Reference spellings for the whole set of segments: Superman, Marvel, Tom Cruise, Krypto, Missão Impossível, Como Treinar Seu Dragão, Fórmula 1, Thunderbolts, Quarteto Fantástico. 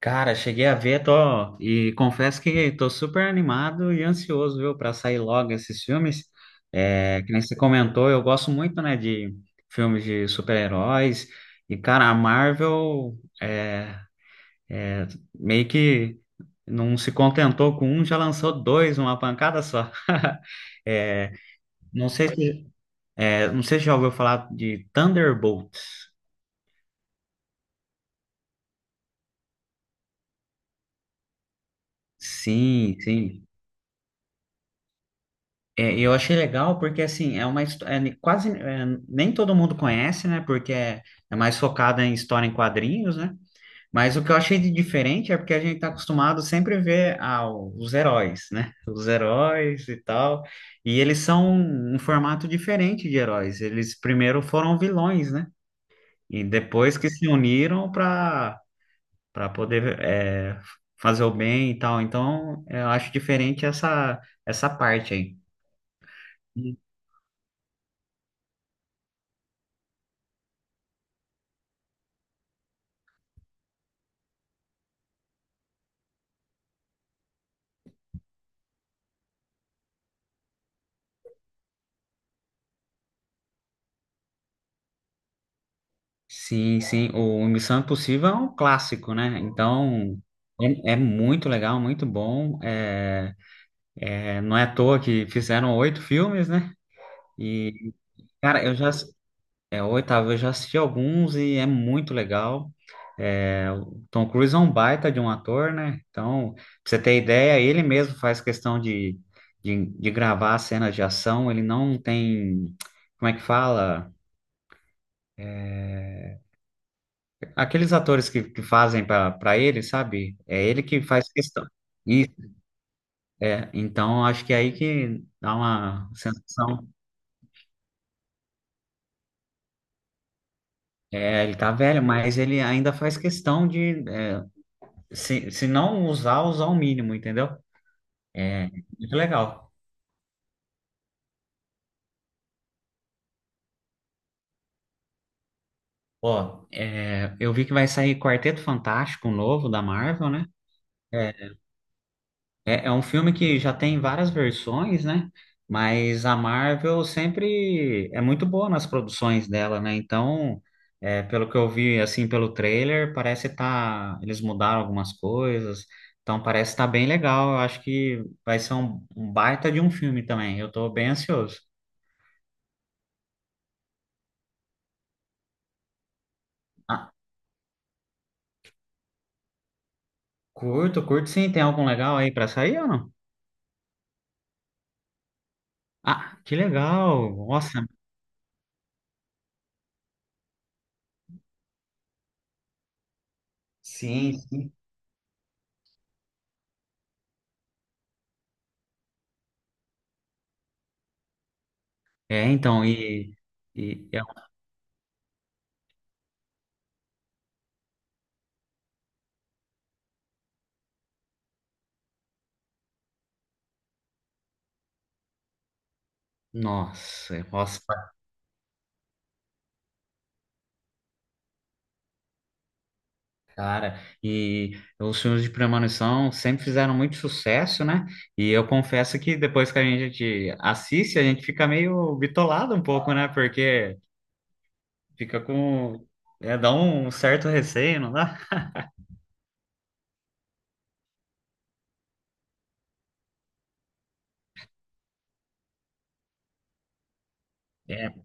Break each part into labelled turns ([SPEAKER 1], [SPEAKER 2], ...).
[SPEAKER 1] Cara, cheguei a ver, tô, e confesso que tô super animado e ansioso, viu, para sair logo esses filmes. É, que nem você comentou, eu gosto muito, né, de filmes de super-heróis. E, cara, a Marvel é, meio que não se contentou com um, já lançou dois, uma pancada só. É, não sei se, não sei se já ouviu falar de Thunderbolts. Sim, sim. É, eu achei legal porque, assim, é uma história, quase, é, nem todo mundo conhece, né? Porque é mais focada em história em quadrinhos, né? Mas o que eu achei de diferente é porque a gente tá acostumado sempre a ver ah, os heróis, né? Os heróis e tal. E eles são um formato diferente de heróis. Eles primeiro foram vilões, né? E depois que se uniram para poder é, fazer o bem e tal. Então, eu acho diferente essa parte aí. Sim, sim, o Missão Impossível é um clássico, né? Então, é, muito legal, muito bom. É, não é à toa que fizeram oito filmes, né? E, cara, eu já, é o oitavo, eu já assisti alguns e é muito legal. É, o Tom Cruise é um baita de um ator, né? Então, pra você ter ideia, ele mesmo faz questão de, de gravar cenas de ação, ele não tem, como é que fala? Aqueles atores que fazem para ele, sabe? É ele que faz questão. E, é, então, acho que é aí que dá uma sensação. É, ele tá velho, mas ele ainda faz questão de, é, se não usar, usar o mínimo, entendeu? É muito legal. Ó, é, eu vi que vai sair Quarteto Fantástico novo da Marvel, né? É, É, é um filme que já tem várias versões, né? Mas a Marvel sempre é muito boa nas produções dela, né? Então, é, pelo que eu vi, assim, pelo trailer, parece tá. Eles mudaram algumas coisas. Então, parece estar tá bem legal. Eu acho que vai ser um baita de um filme também. Eu tô bem ansioso. Ah, curto, curto sim. Tem algum legal aí pra sair ou não? Ah, que legal! Nossa, sim, sim. É, então, e é- um, nossa, nossa. Cara, e os filmes de premonição sempre fizeram muito sucesso, né? E eu confesso que depois que a gente assiste, a gente fica meio bitolado um pouco, né? Porque fica com. É, dá um certo receio, não dá? É,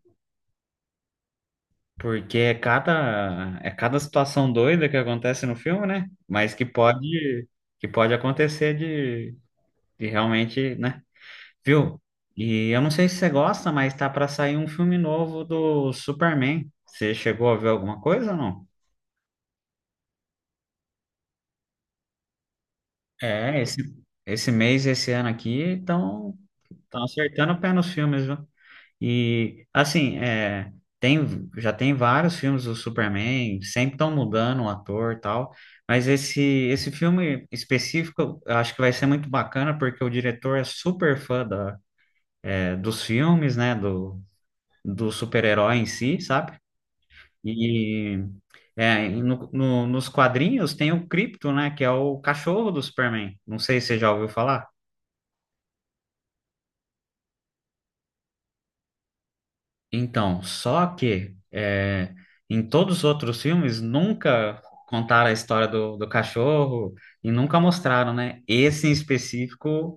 [SPEAKER 1] porque é cada situação doida que acontece no filme, né? Mas que pode acontecer de realmente, né? Viu? E eu não sei se você gosta, mas tá para sair um filme novo do Superman. Você chegou a ver alguma coisa ou não? É, esse ano aqui, estão acertando o pé nos filmes, viu? E, assim, é, tem, já tem vários filmes do Superman, sempre estão mudando o ator e tal, mas esse filme específico eu acho que vai ser muito bacana, porque o diretor é super fã dos filmes, né, do super-herói em si, sabe? E e nos quadrinhos tem o Krypto, né? Que é o cachorro do Superman. Não sei se você já ouviu falar. Então, só que é, em todos os outros filmes nunca contaram a história do cachorro e nunca mostraram, né? Esse em específico,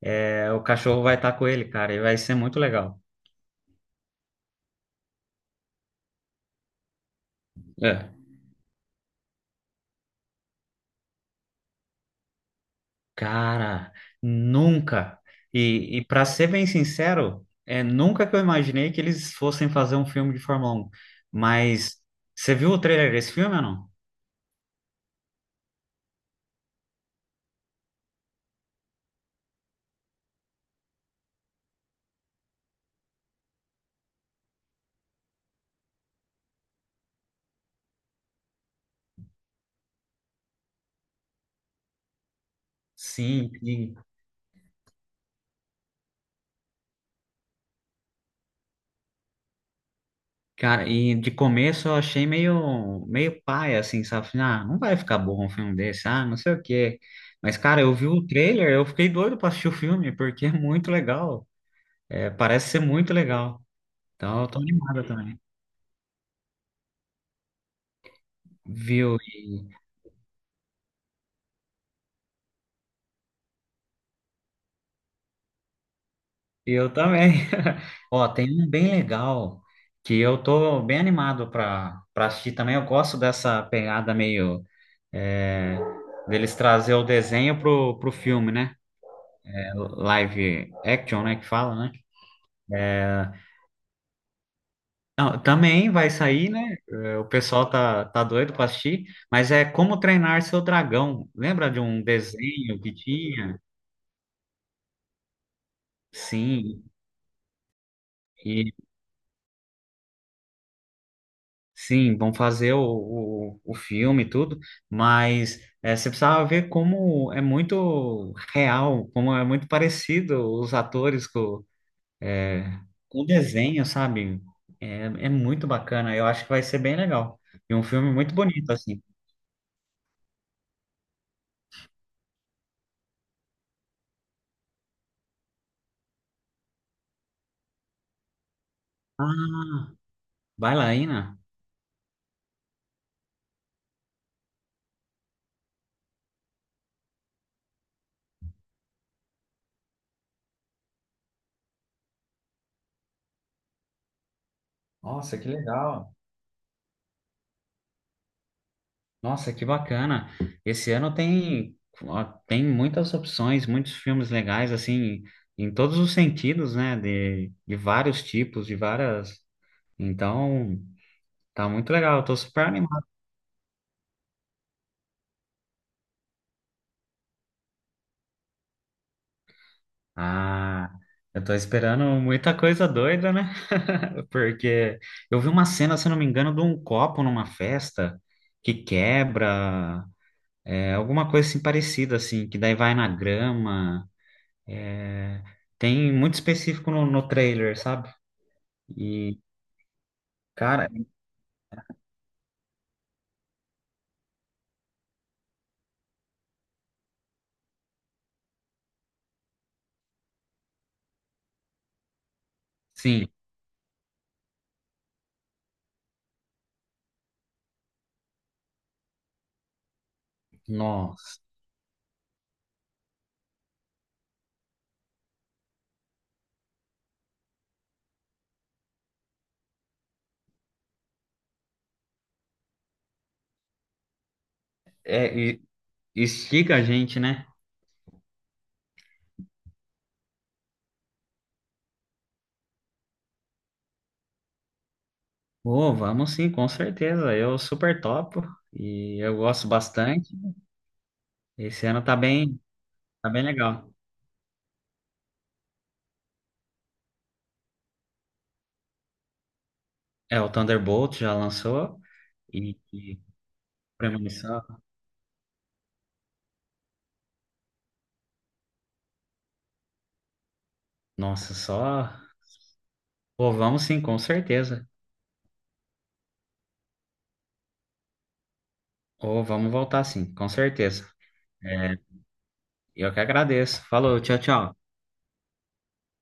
[SPEAKER 1] é, o cachorro vai estar com ele, cara, e vai ser muito legal. É. Cara, nunca. E para ser bem sincero, é nunca que eu imaginei que eles fossem fazer um filme de Fórmula 1. Mas você viu o trailer desse filme ou não? Sim, e, cara, e de começo eu achei meio paia, assim, sabe? Falei, ah, não vai ficar bom um filme desse, ah, não sei o quê. Mas, cara, eu vi o trailer, eu fiquei doido pra assistir o filme, porque é muito legal. É, parece ser muito legal. Então, eu tô animado também. Viu? Eu também. Ó, tem um bem legal que eu tô bem animado para assistir também. Eu gosto dessa pegada meio é, deles trazer o desenho pro filme, né? É, live action, né? Que fala, né? É, não, também vai sair, né? É, o pessoal tá doido para assistir, mas é Como Treinar Seu Dragão. Lembra de um desenho que tinha? Sim. Sim, vão fazer o filme e tudo, mas você precisava ver como é muito real, como é muito parecido os atores eh, com o desenho, sabe? É, muito bacana, eu acho que vai ser bem legal. E um filme muito bonito, assim. Ah, bailarina? Nossa, que legal. Nossa, que bacana. Esse ano tem, ó, tem muitas opções, muitos filmes legais, assim, em todos os sentidos, né? De vários tipos, de várias. Então, tá muito legal. Eu tô super animado. Ah, eu tô esperando muita coisa doida, né? Porque eu vi uma cena, se eu não me engano, de um copo numa festa que quebra, é, alguma coisa assim parecida, assim, que daí vai na grama. É, tem muito específico no trailer, sabe? E, cara, sim, nossa. É, instiga a gente, né? Pô, vamos sim, com certeza. Eu super topo e eu gosto bastante. Esse ano tá bem legal. É, o Thunderbolt já lançou e Premonição. Nossa, só. Pô, vamos sim, com certeza. Ou vamos voltar sim, com certeza. É, eu que agradeço. Falou, tchau, tchau.